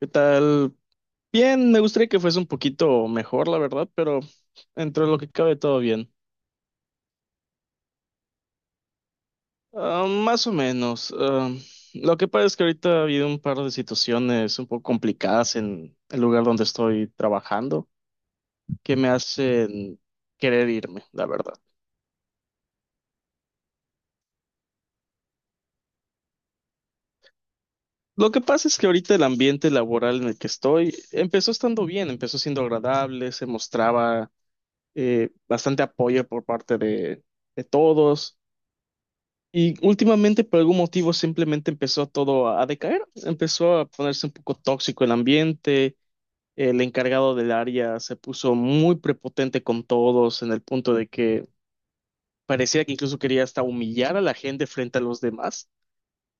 ¿Qué tal? Bien, me gustaría que fuese un poquito mejor, la verdad, pero entre lo que cabe todo bien. Ah, más o menos. Lo que pasa es que ahorita ha habido un par de situaciones un poco complicadas en el lugar donde estoy trabajando que me hacen querer irme, la verdad. Lo que pasa es que ahorita el ambiente laboral en el que estoy empezó estando bien, empezó siendo agradable, se mostraba bastante apoyo por parte de todos. Y últimamente, por algún motivo, simplemente empezó todo a decaer, empezó a ponerse un poco tóxico el ambiente, el encargado del área se puso muy prepotente con todos, en el punto de que parecía que incluso quería hasta humillar a la gente frente a los demás,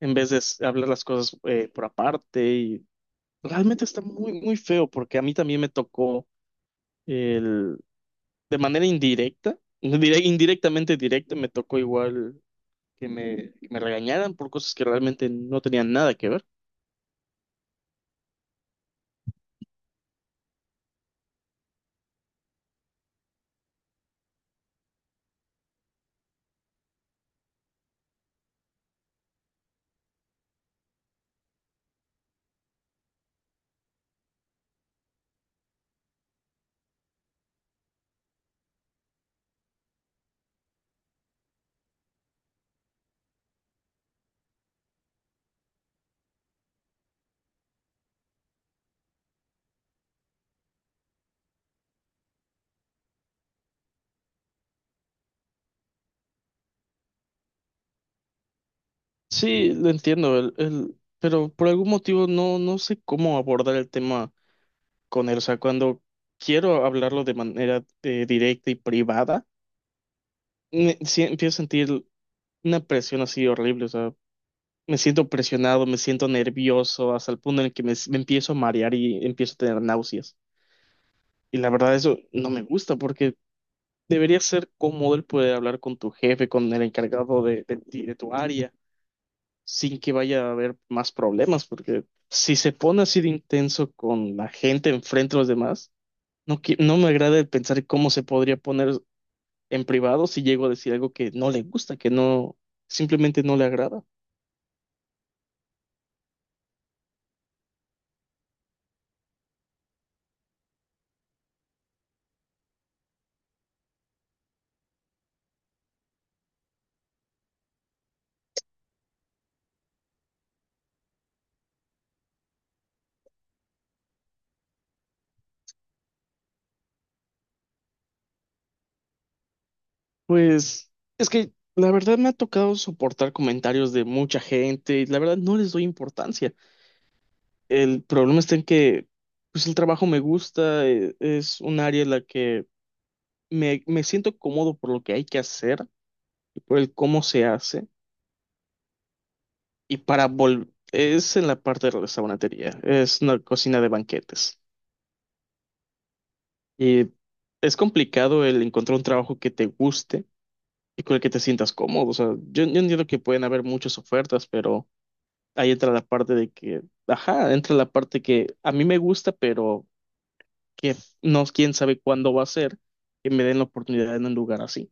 en vez de hablar las cosas por aparte. Y realmente está muy, muy feo, porque a mí también me tocó el, de manera indirecta, indirectamente directa, me tocó igual que me regañaran por cosas que realmente no tenían nada que ver. Sí, lo entiendo, pero por algún motivo no, no sé cómo abordar el tema con él. O sea, cuando quiero hablarlo de manera directa y privada, me, sí, empiezo a sentir una presión así horrible. O sea, me siento presionado, me siento nervioso, hasta el punto en el que me empiezo a marear y empiezo a tener náuseas. Y la verdad, eso no me gusta porque debería ser cómodo el poder hablar con tu jefe, con el encargado de ti, de tu área sin que vaya a haber más problemas, porque si se pone así de intenso con la gente enfrente de los demás, no, no me agrada el pensar cómo se podría poner en privado si llego a decir algo que no le gusta, que no, simplemente no le agrada. Pues es que la verdad me ha tocado soportar comentarios de mucha gente y la verdad no les doy importancia. El problema está en que pues el trabajo me gusta, es un área en la que me siento cómodo por lo que hay que hacer y por el cómo se hace. Y para volver, es en la parte de restaurantería, es una cocina de banquetes. Y es complicado el encontrar un trabajo que te guste y con el que te sientas cómodo. O sea, yo entiendo que pueden haber muchas ofertas, pero ahí entra la parte de que, ajá, entra la parte que a mí me gusta, pero que no, quién sabe cuándo va a ser que me den la oportunidad en un lugar así.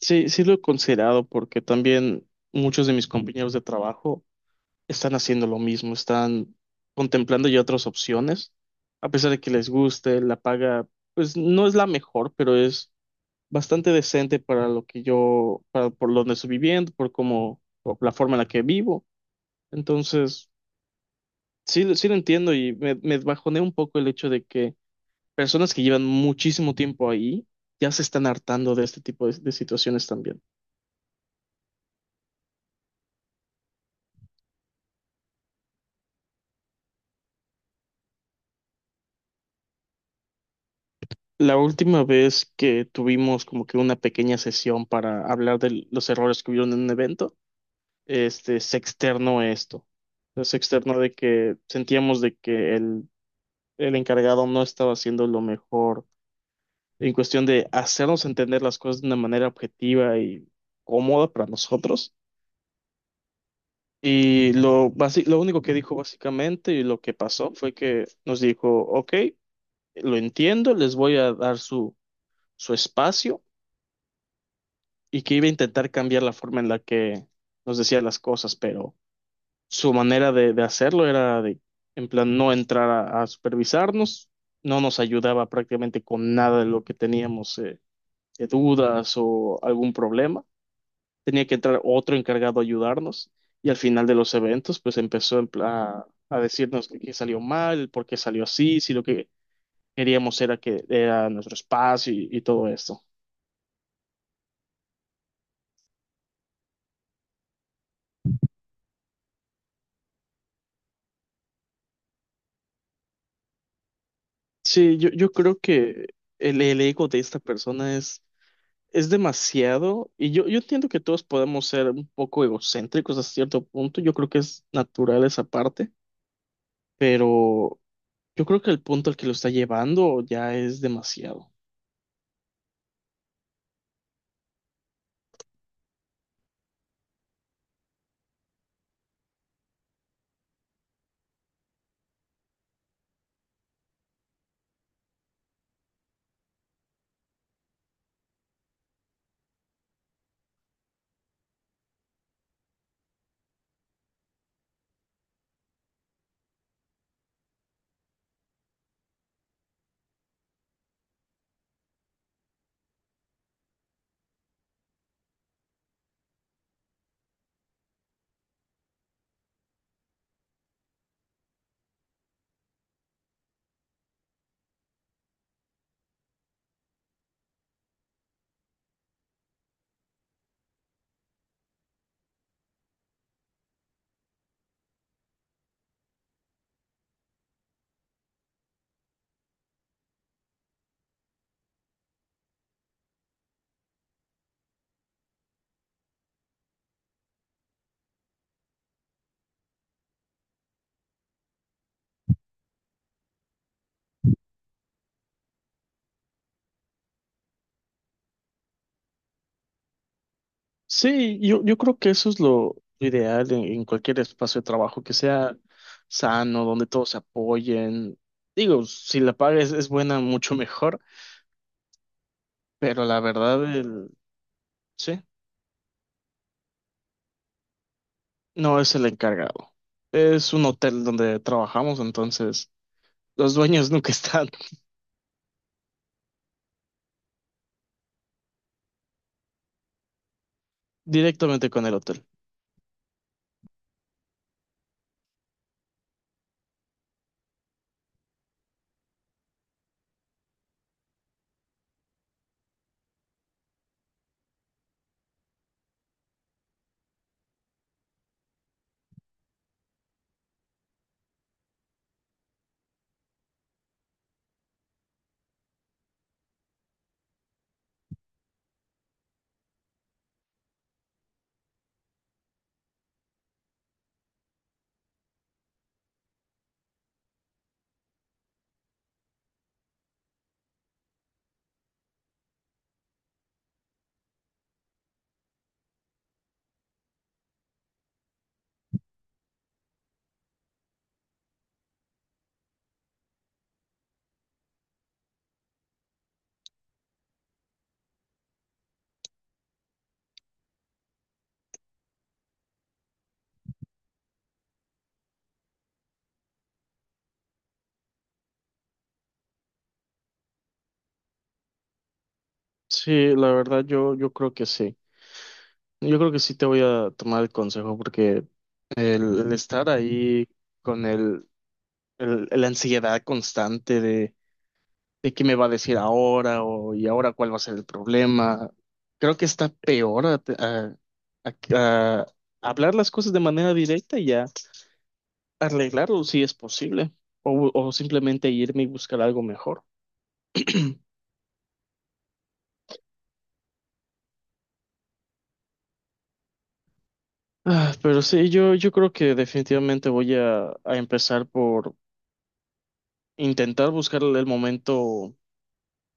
Sí, sí lo he considerado porque también muchos de mis compañeros de trabajo están haciendo lo mismo, están contemplando ya otras opciones, a pesar de que les guste, la paga, pues no es la mejor, pero es bastante decente para lo que yo, para por donde estoy viviendo, por cómo, por la forma en la que vivo. Entonces, sí, sí lo entiendo y me bajoneé un poco el hecho de que personas que llevan muchísimo tiempo ahí ya se están hartando de este tipo de situaciones también. La última vez que tuvimos como que una pequeña sesión para hablar de los errores que hubieron en un evento, este, se externó esto. Se externó de que sentíamos de que el encargado no estaba haciendo lo mejor en cuestión de hacernos entender las cosas de una manera objetiva y cómoda para nosotros. Y lo, lo único que dijo básicamente y lo que pasó fue que nos dijo, ok, lo entiendo, les voy a dar su espacio y que iba a intentar cambiar la forma en la que nos decía las cosas, pero su manera de hacerlo era de, en plan, no entrar a supervisarnos, no nos ayudaba prácticamente con nada de lo que teníamos de dudas o algún problema. Tenía que entrar otro encargado a ayudarnos y al final de los eventos, pues empezó en decirnos que, qué salió mal, por qué salió así, si lo que queríamos era que era nuestro espacio y todo esto. Sí, yo creo que el ego de esta persona es demasiado y yo entiendo que todos podemos ser un poco egocéntricos a cierto punto, yo creo que es natural esa parte, pero yo creo que el punto al que lo está llevando ya es demasiado. Sí, yo creo que eso es lo ideal en cualquier espacio de trabajo, que sea sano, donde todos se apoyen. Digo, si la paga es buena, mucho mejor, pero la verdad, el, sí, no es el encargado. Es un hotel donde trabajamos, entonces los dueños nunca están directamente con el hotel. Sí, la verdad yo creo que sí. Yo creo que sí te voy a tomar el consejo porque el estar ahí con el, la ansiedad constante de qué me va a decir ahora o y ahora cuál va a ser el problema. Creo que está peor a hablar las cosas de manera directa y a arreglarlo si es posible o simplemente irme y buscar algo mejor. Ah, pero sí, yo creo que definitivamente voy a empezar por intentar buscar el momento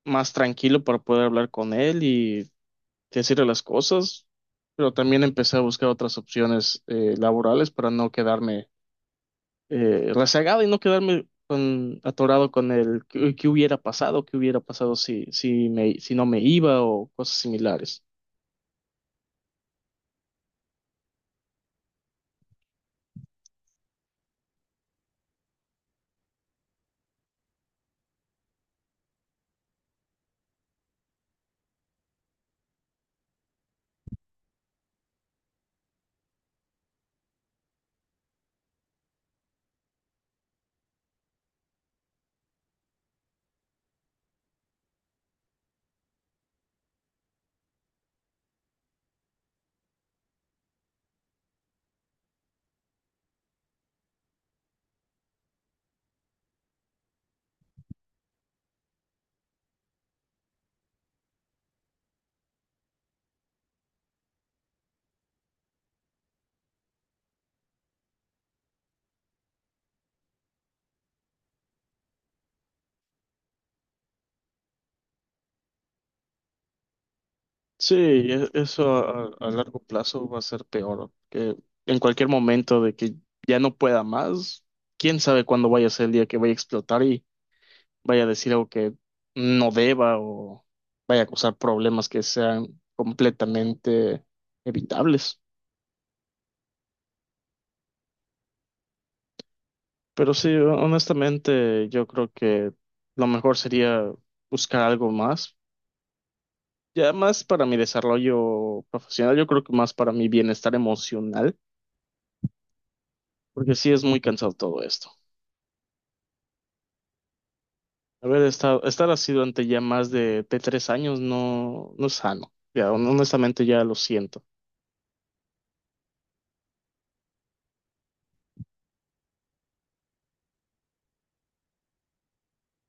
más tranquilo para poder hablar con él y decirle las cosas, pero también empecé a buscar otras opciones laborales para no quedarme rezagada y no quedarme atorado con el qué, qué hubiera pasado si, si, me, si no me iba o cosas similares. Sí, eso a largo plazo va a ser peor, ¿no? Que en cualquier momento de que ya no pueda más, quién sabe cuándo vaya a ser el día que vaya a explotar y vaya a decir algo que no deba o vaya a causar problemas que sean completamente evitables. Pero sí, honestamente, yo creo que lo mejor sería buscar algo más. Ya más para mi desarrollo profesional, yo creo que más para mi bienestar emocional, porque sí es muy cansado todo esto. Haber estado, estar así durante ya más de 3 años no, no es sano. Ya, honestamente ya lo siento.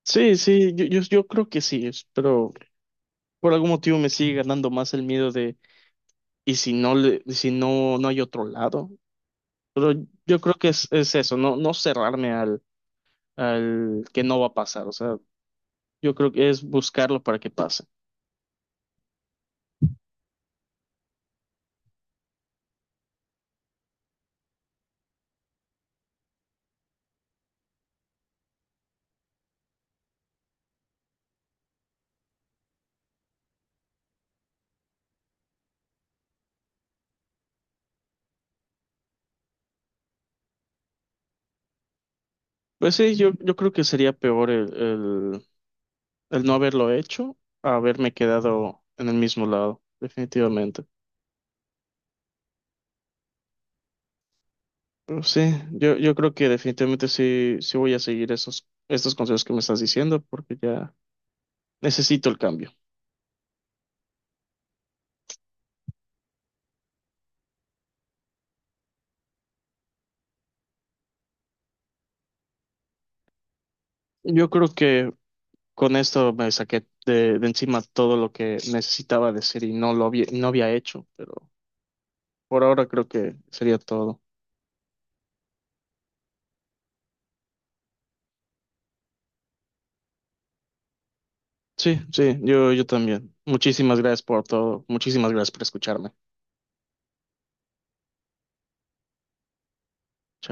Sí, sí, yo creo que sí, es- pero por algún motivo me sigue ganando más el miedo de, ¿y si no le, si no, no hay otro lado? Yo creo que es eso, no, no cerrarme al que no va a pasar. O sea, yo creo que es buscarlo para que pase. Pues sí, yo creo que sería peor el no haberlo hecho a haberme quedado en el mismo lado, definitivamente. Pero sí, yo creo que definitivamente sí, sí voy a seguir estos consejos que me estás diciendo porque ya necesito el cambio. Yo creo que con esto me saqué de encima todo lo que necesitaba decir y no lo había, no había hecho, pero por ahora creo que sería todo. Sí, sí, yo también. Muchísimas gracias por todo. Muchísimas gracias por escucharme. Chao.